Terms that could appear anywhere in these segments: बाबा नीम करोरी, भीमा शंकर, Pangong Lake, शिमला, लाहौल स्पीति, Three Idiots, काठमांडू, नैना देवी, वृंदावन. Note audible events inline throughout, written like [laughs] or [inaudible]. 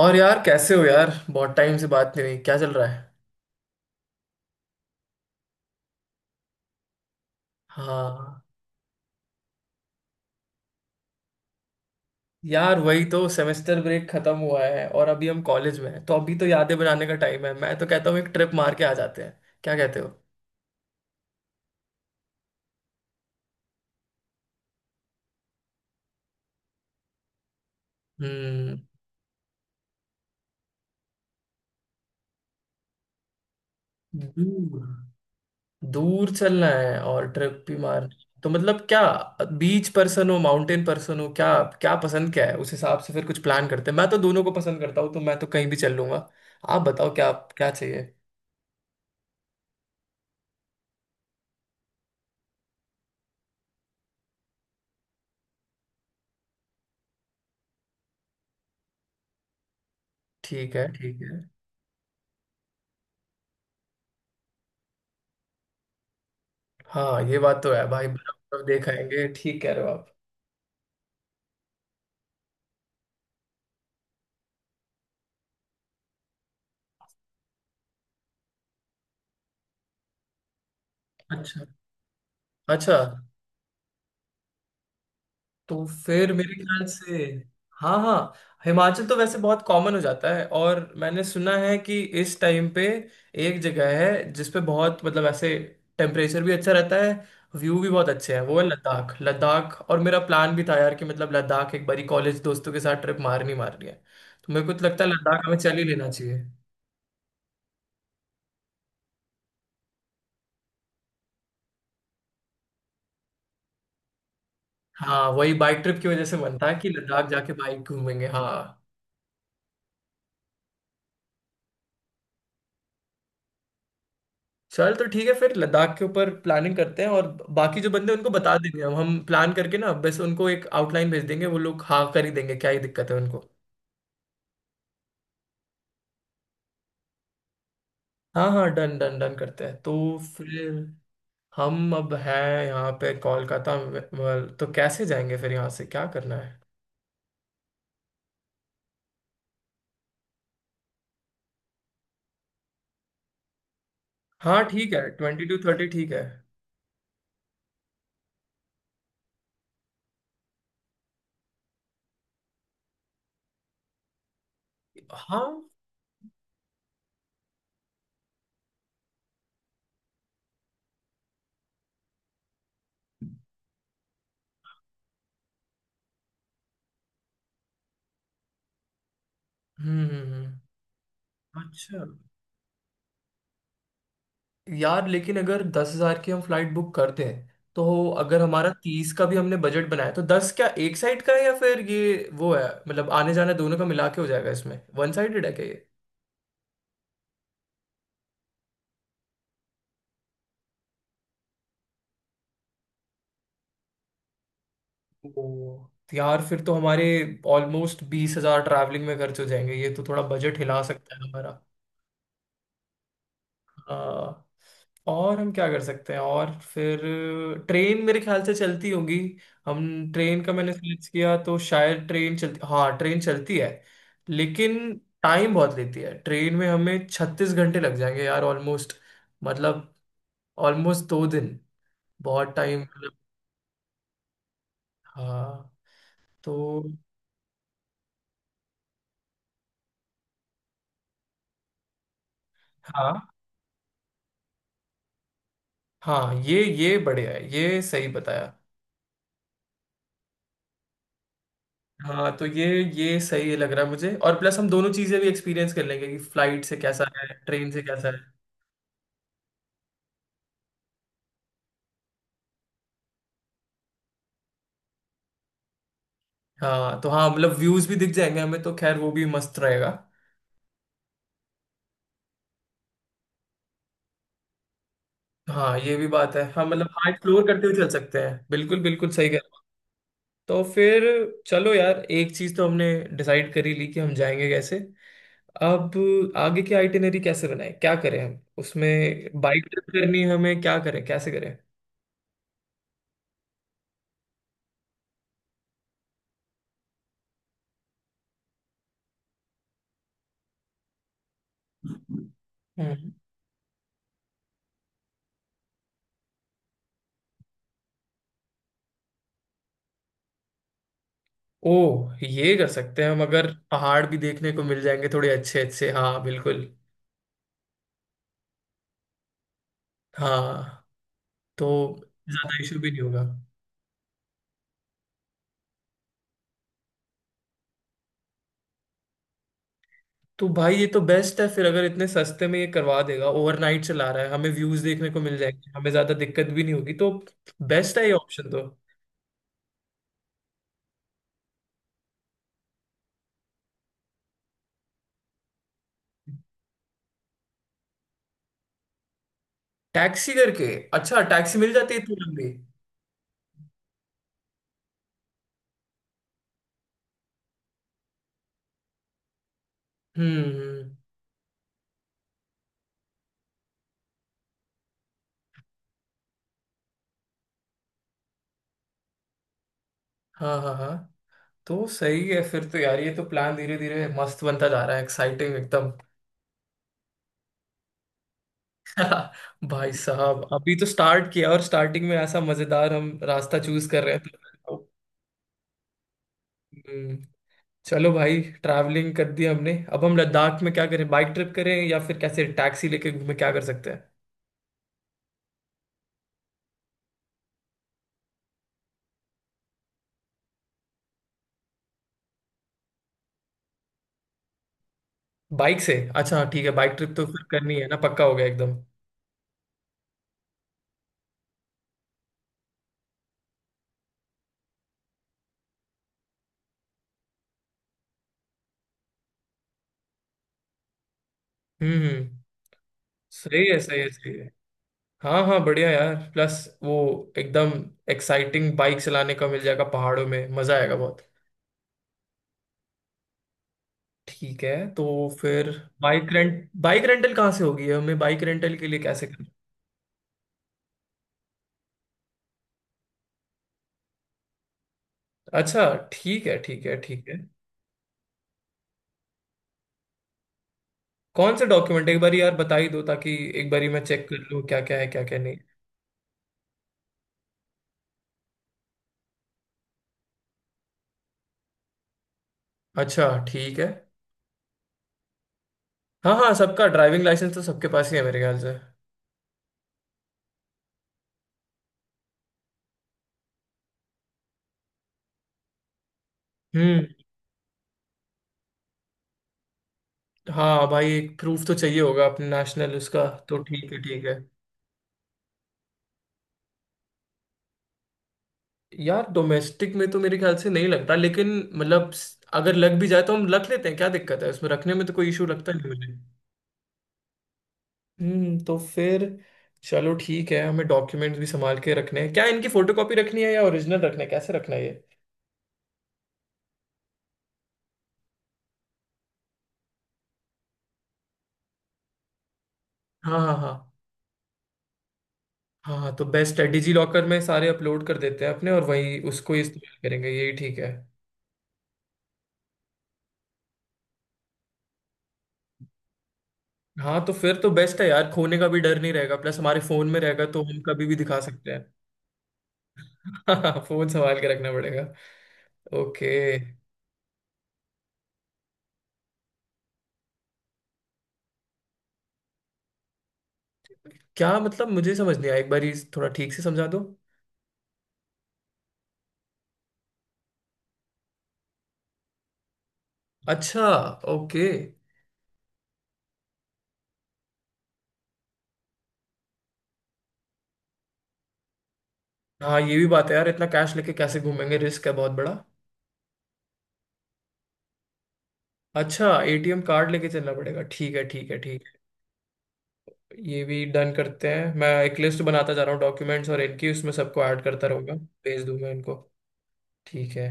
और यार कैसे हो यार? बहुत टाइम से बात नहीं हुई, क्या चल रहा है? हाँ। यार वही तो, सेमेस्टर ब्रेक खत्म हुआ है और अभी हम कॉलेज में हैं तो अभी तो यादें बनाने का टाइम है। मैं तो कहता हूँ एक ट्रिप मार के आ जाते हैं, क्या कहते हो? हम्म। दूर दूर चलना है और ट्रिप भी मार। तो मतलब क्या, बीच पर्सन हो माउंटेन पर्सन हो क्या? क्या पसंद क्या है, उस हिसाब से फिर कुछ प्लान करते हैं। मैं तो दोनों को पसंद करता हूँ तो मैं तो कहीं भी चल लूंगा। आप बताओ क्या, क्या चाहिए? ठीक है ठीक है। हाँ ये बात तो है भाई, बराबर देख आएंगे, ठीक कह रहे हो आप। अच्छा अच्छा। तो फिर मेरे ख्याल से, हाँ हाँ, हिमाचल तो वैसे बहुत कॉमन हो जाता है और मैंने सुना है कि इस टाइम पे एक जगह है जिसपे बहुत मतलब ऐसे टेम्परेचर भी अच्छा रहता है, व्यू भी बहुत अच्छे हैं। वो है लद्दाख। लद्दाख, और मेरा प्लान भी था यार कि मतलब लद्दाख एक बारी कॉलेज दोस्तों के साथ ट्रिप मारनी मारनी है। तो मेरे को तो लगता है लद्दाख हमें चल ही लेना चाहिए। हाँ वही बाइक ट्रिप की वजह से मन था कि लद्दाख जाके बाइक घूमेंगे, हाँ। चल तो ठीक है, फिर लद्दाख के ऊपर प्लानिंग करते हैं और बाकी जो बंदे हैं, उनको बता देंगे। हम प्लान करके ना, बस उनको एक आउटलाइन भेज देंगे, वो लोग हाँ कर ही देंगे, क्या ही दिक्कत है उनको। हाँ हाँ, डन डन डन करते हैं तो। फिर हम अब हैं यहाँ पे कोलकाता में, well, तो कैसे जाएंगे फिर, यहाँ से क्या करना है? हाँ ठीक है, ट्वेंटी टू थर्टी ठीक है। हाँ। हम्म, हम्म, हम्म। अच्छा। यार लेकिन अगर 10,000 की हम फ्लाइट बुक करते हैं तो, अगर हमारा 30 का भी हमने बजट बनाया तो 10 क्या एक साइड का है, या फिर ये वो है मतलब आने जाने दोनों का मिला के हो जाएगा इसमें? वन साइडेड है क्या ये? ओ। यार फिर तो हमारे ऑलमोस्ट 20,000 ट्रैवलिंग में खर्च हो जाएंगे, ये तो थोड़ा बजट हिला सकता है हमारा। आ, और हम क्या कर सकते हैं? और फिर ट्रेन मेरे ख्याल से चलती होगी। हम ट्रेन का, मैंने सर्च किया तो शायद ट्रेन चलती, हाँ ट्रेन चलती है। लेकिन टाइम बहुत लेती है, ट्रेन में हमें 36 घंटे लग जाएंगे यार, ऑलमोस्ट, मतलब ऑलमोस्ट 2 दिन, बहुत टाइम मतलब। हाँ। तो हाँ हाँ, ये बढ़िया है, ये सही बताया। हाँ तो ये सही लग रहा है मुझे, और प्लस हम दोनों चीजें भी एक्सपीरियंस कर लेंगे कि फ्लाइट से कैसा है ट्रेन से कैसा है। हाँ तो हाँ मतलब व्यूज भी दिख जाएंगे हमें, तो खैर वो भी मस्त रहेगा। हाँ ये भी बात है, हाँ मतलब हाँ एक्सप्लोर करते हुए चल सकते हैं, बिल्कुल बिल्कुल सही कह रहे हो। तो फिर चलो यार, एक चीज तो हमने डिसाइड कर ही ली कि हम जाएंगे कैसे। अब आगे की आइटिनरी कैसे बनाए, क्या करें हम, उसमें बाइक ट्रिप करनी है हमें, क्या करें कैसे करें? हम्म। ओ ये कर सकते हैं हम, अगर पहाड़ भी देखने को मिल जाएंगे थोड़े अच्छे अच्छे, हाँ बिल्कुल। हाँ तो ज्यादा इशू भी नहीं होगा। तो भाई ये तो बेस्ट है फिर, अगर इतने सस्ते में ये करवा देगा, ओवरनाइट चला रहा है, हमें व्यूज देखने को मिल जाएंगे, हमें ज्यादा दिक्कत भी नहीं होगी, तो बेस्ट है ये ऑप्शन तो। टैक्सी करके, अच्छा टैक्सी मिल जाती है इतनी लंबी? हम्म, हाँ हाँ हाँ। तो सही है फिर तो, यार ये तो प्लान धीरे धीरे मस्त बनता जा रहा है, एक्साइटिंग एकदम। [laughs] भाई साहब अभी तो स्टार्ट किया और स्टार्टिंग में ऐसा मजेदार हम रास्ता चूज कर रहे हैं। तो- हम्म। चलो भाई ट्रैवलिंग कर दी हमने, अब हम लद्दाख में क्या करें, बाइक ट्रिप करें या फिर कैसे टैक्सी लेके घूमें, क्या कर सकते हैं? बाइक से, अच्छा ठीक है, बाइक ट्रिप तो फिर करनी है ना, पक्का हो गया एकदम। हम्म, हम्म। सही है सही है सही है। हाँ हाँ बढ़िया यार, प्लस वो एकदम एक्साइटिंग बाइक चलाने का मिल जाएगा, पहाड़ों में मजा आएगा बहुत। ठीक है, तो फिर बाइक रेंट, बाइक रेंटल कहाँ से होगी, हमें बाइक रेंटल के लिए कैसे करना? अच्छा ठीक है ठीक है ठीक है। कौन सा डॉक्यूमेंट, एक बार यार बता ही दो ताकि एक बार मैं चेक कर लूँ क्या क्या है क्या क्या नहीं। अच्छा ठीक है। हाँ हाँ सबका ड्राइविंग लाइसेंस तो सबके पास ही है मेरे ख्याल से। हम्म। हाँ भाई एक प्रूफ तो चाहिए होगा अपने नेशनल, उसका तो ठीक है ठीक है। यार डोमेस्टिक में तो मेरे ख्याल से नहीं लगता, लेकिन मतलब अगर लग भी जाए तो हम रख लेते हैं, क्या दिक्कत है उसमें रखने में, तो कोई इशू लगता नहीं मुझे। हम्म, तो फिर चलो ठीक है, हमें डॉक्यूमेंट्स भी संभाल के रखने हैं क्या, इनकी फोटोकॉपी रखनी है या ओरिजिनल रखना है, कैसे रखना है ये? हाँ हाँ हाँ। हाँ तो बेस्ट है, डिजी लॉकर में सारे अपलोड कर देते हैं अपने, और वही उसको ही इस्तेमाल करेंगे, यही ठीक है। हाँ तो फिर तो बेस्ट है यार, खोने का भी डर नहीं रहेगा, प्लस हमारे फोन में रहेगा तो हम कभी भी दिखा सकते हैं। [laughs] फोन संभाल के रखना पड़ेगा, ओके। क्या मतलब, मुझे समझ नहीं आया, एक बार ये थोड़ा ठीक से समझा दो। अच्छा ओके। हाँ ये भी बात है यार, इतना कैश लेके कैसे घूमेंगे, रिस्क है बहुत बड़ा। अच्छा एटीएम कार्ड लेके चलना पड़ेगा, ठीक है ठीक है ठीक। ये भी डन करते हैं, मैं एक लिस्ट बनाता जा रहा हूँ डॉक्यूमेंट्स और इनकी, उसमें सबको ऐड करता रहूंगा, भेज दूंगा इनको। ठीक है।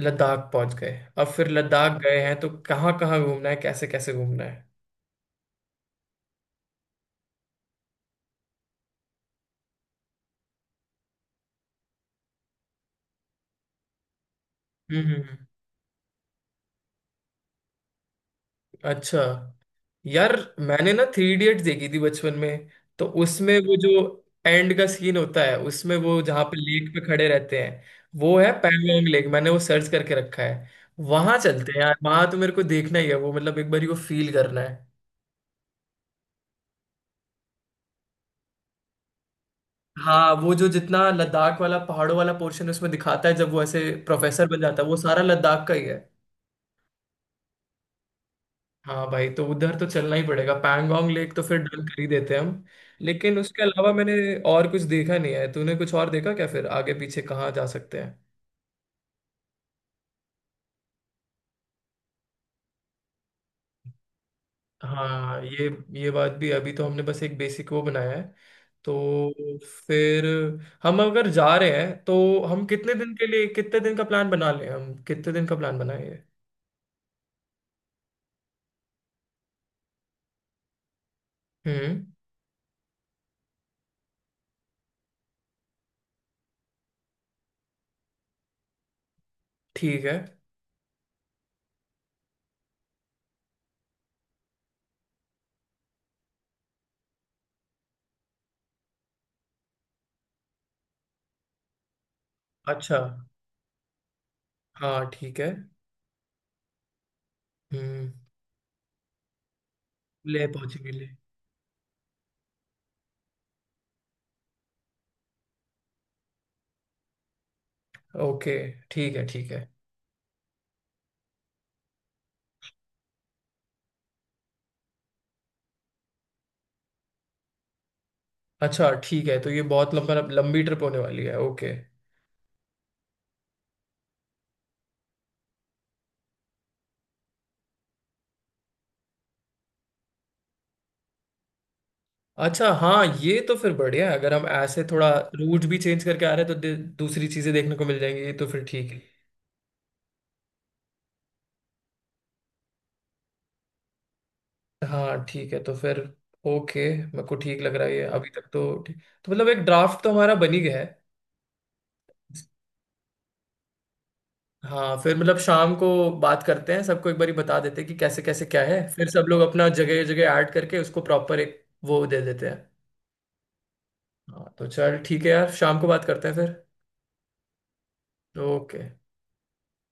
लद्दाख पहुंच गए। अब फिर लद्दाख गए हैं तो कहाँ कहाँ घूमना है, कैसे कैसे घूमना है? हम्म, अच्छा यार, मैंने ना थ्री इडियट्स देखी थी बचपन में। तो उसमें वो जो एंड का सीन होता है, उसमें वो जहाँ पे लेक पे खड़े रहते हैं, वो है पैंगोंग लेक। मैंने वो सर्च करके रखा है, वहां चलते हैं यार। वहां तो मेरे को देखना ही है वो, मतलब एक बार ही वो फील करना है। हाँ वो जो जितना लद्दाख वाला, पहाड़ों वाला पोर्शन उसमें दिखाता है जब वो ऐसे प्रोफेसर बन जाता है, वो सारा लद्दाख का ही है। हाँ भाई तो उधर तो चलना ही पड़ेगा, पैंगोंग लेक तो फिर डन कर ही देते हैं हम। लेकिन उसके अलावा मैंने और कुछ देखा नहीं है, तूने कुछ और देखा क्या, फिर आगे पीछे कहाँ जा सकते हैं? हाँ ये बात भी, अभी तो हमने बस एक बेसिक वो बनाया है। तो फिर हम अगर जा रहे हैं तो हम कितने दिन के लिए, कितने दिन का प्लान बना लें हम, कितने दिन का प्लान बनाएं ये? हम्म। ठीक है। अच्छा। हाँ ठीक है। हम्म। ले पहुंचेगी, ले। ओके ठीक है ठीक है। अच्छा ठीक है, तो ये बहुत लंबा, लंबी ट्रिप होने वाली है, ओके। अच्छा हाँ ये तो फिर बढ़िया है, अगर हम ऐसे थोड़ा रूट भी चेंज करके आ रहे हैं तो दूसरी चीजें देखने को मिल जाएंगी, ये तो फिर ठीक है। हाँ ठीक है तो फिर ओके, मेरे को ठीक लग रहा है ये अभी तक तो। ठीक, तो मतलब एक ड्राफ्ट तो हमारा बन ही गया है। हाँ फिर मतलब शाम को बात करते हैं, सबको एक बारी बता देते हैं कि कैसे कैसे क्या है, फिर सब लोग अपना जगह जगह ऐड करके उसको प्रॉपर एक वो दे देते हैं। हाँ तो चल ठीक है यार, शाम को बात करते हैं फिर। ओके।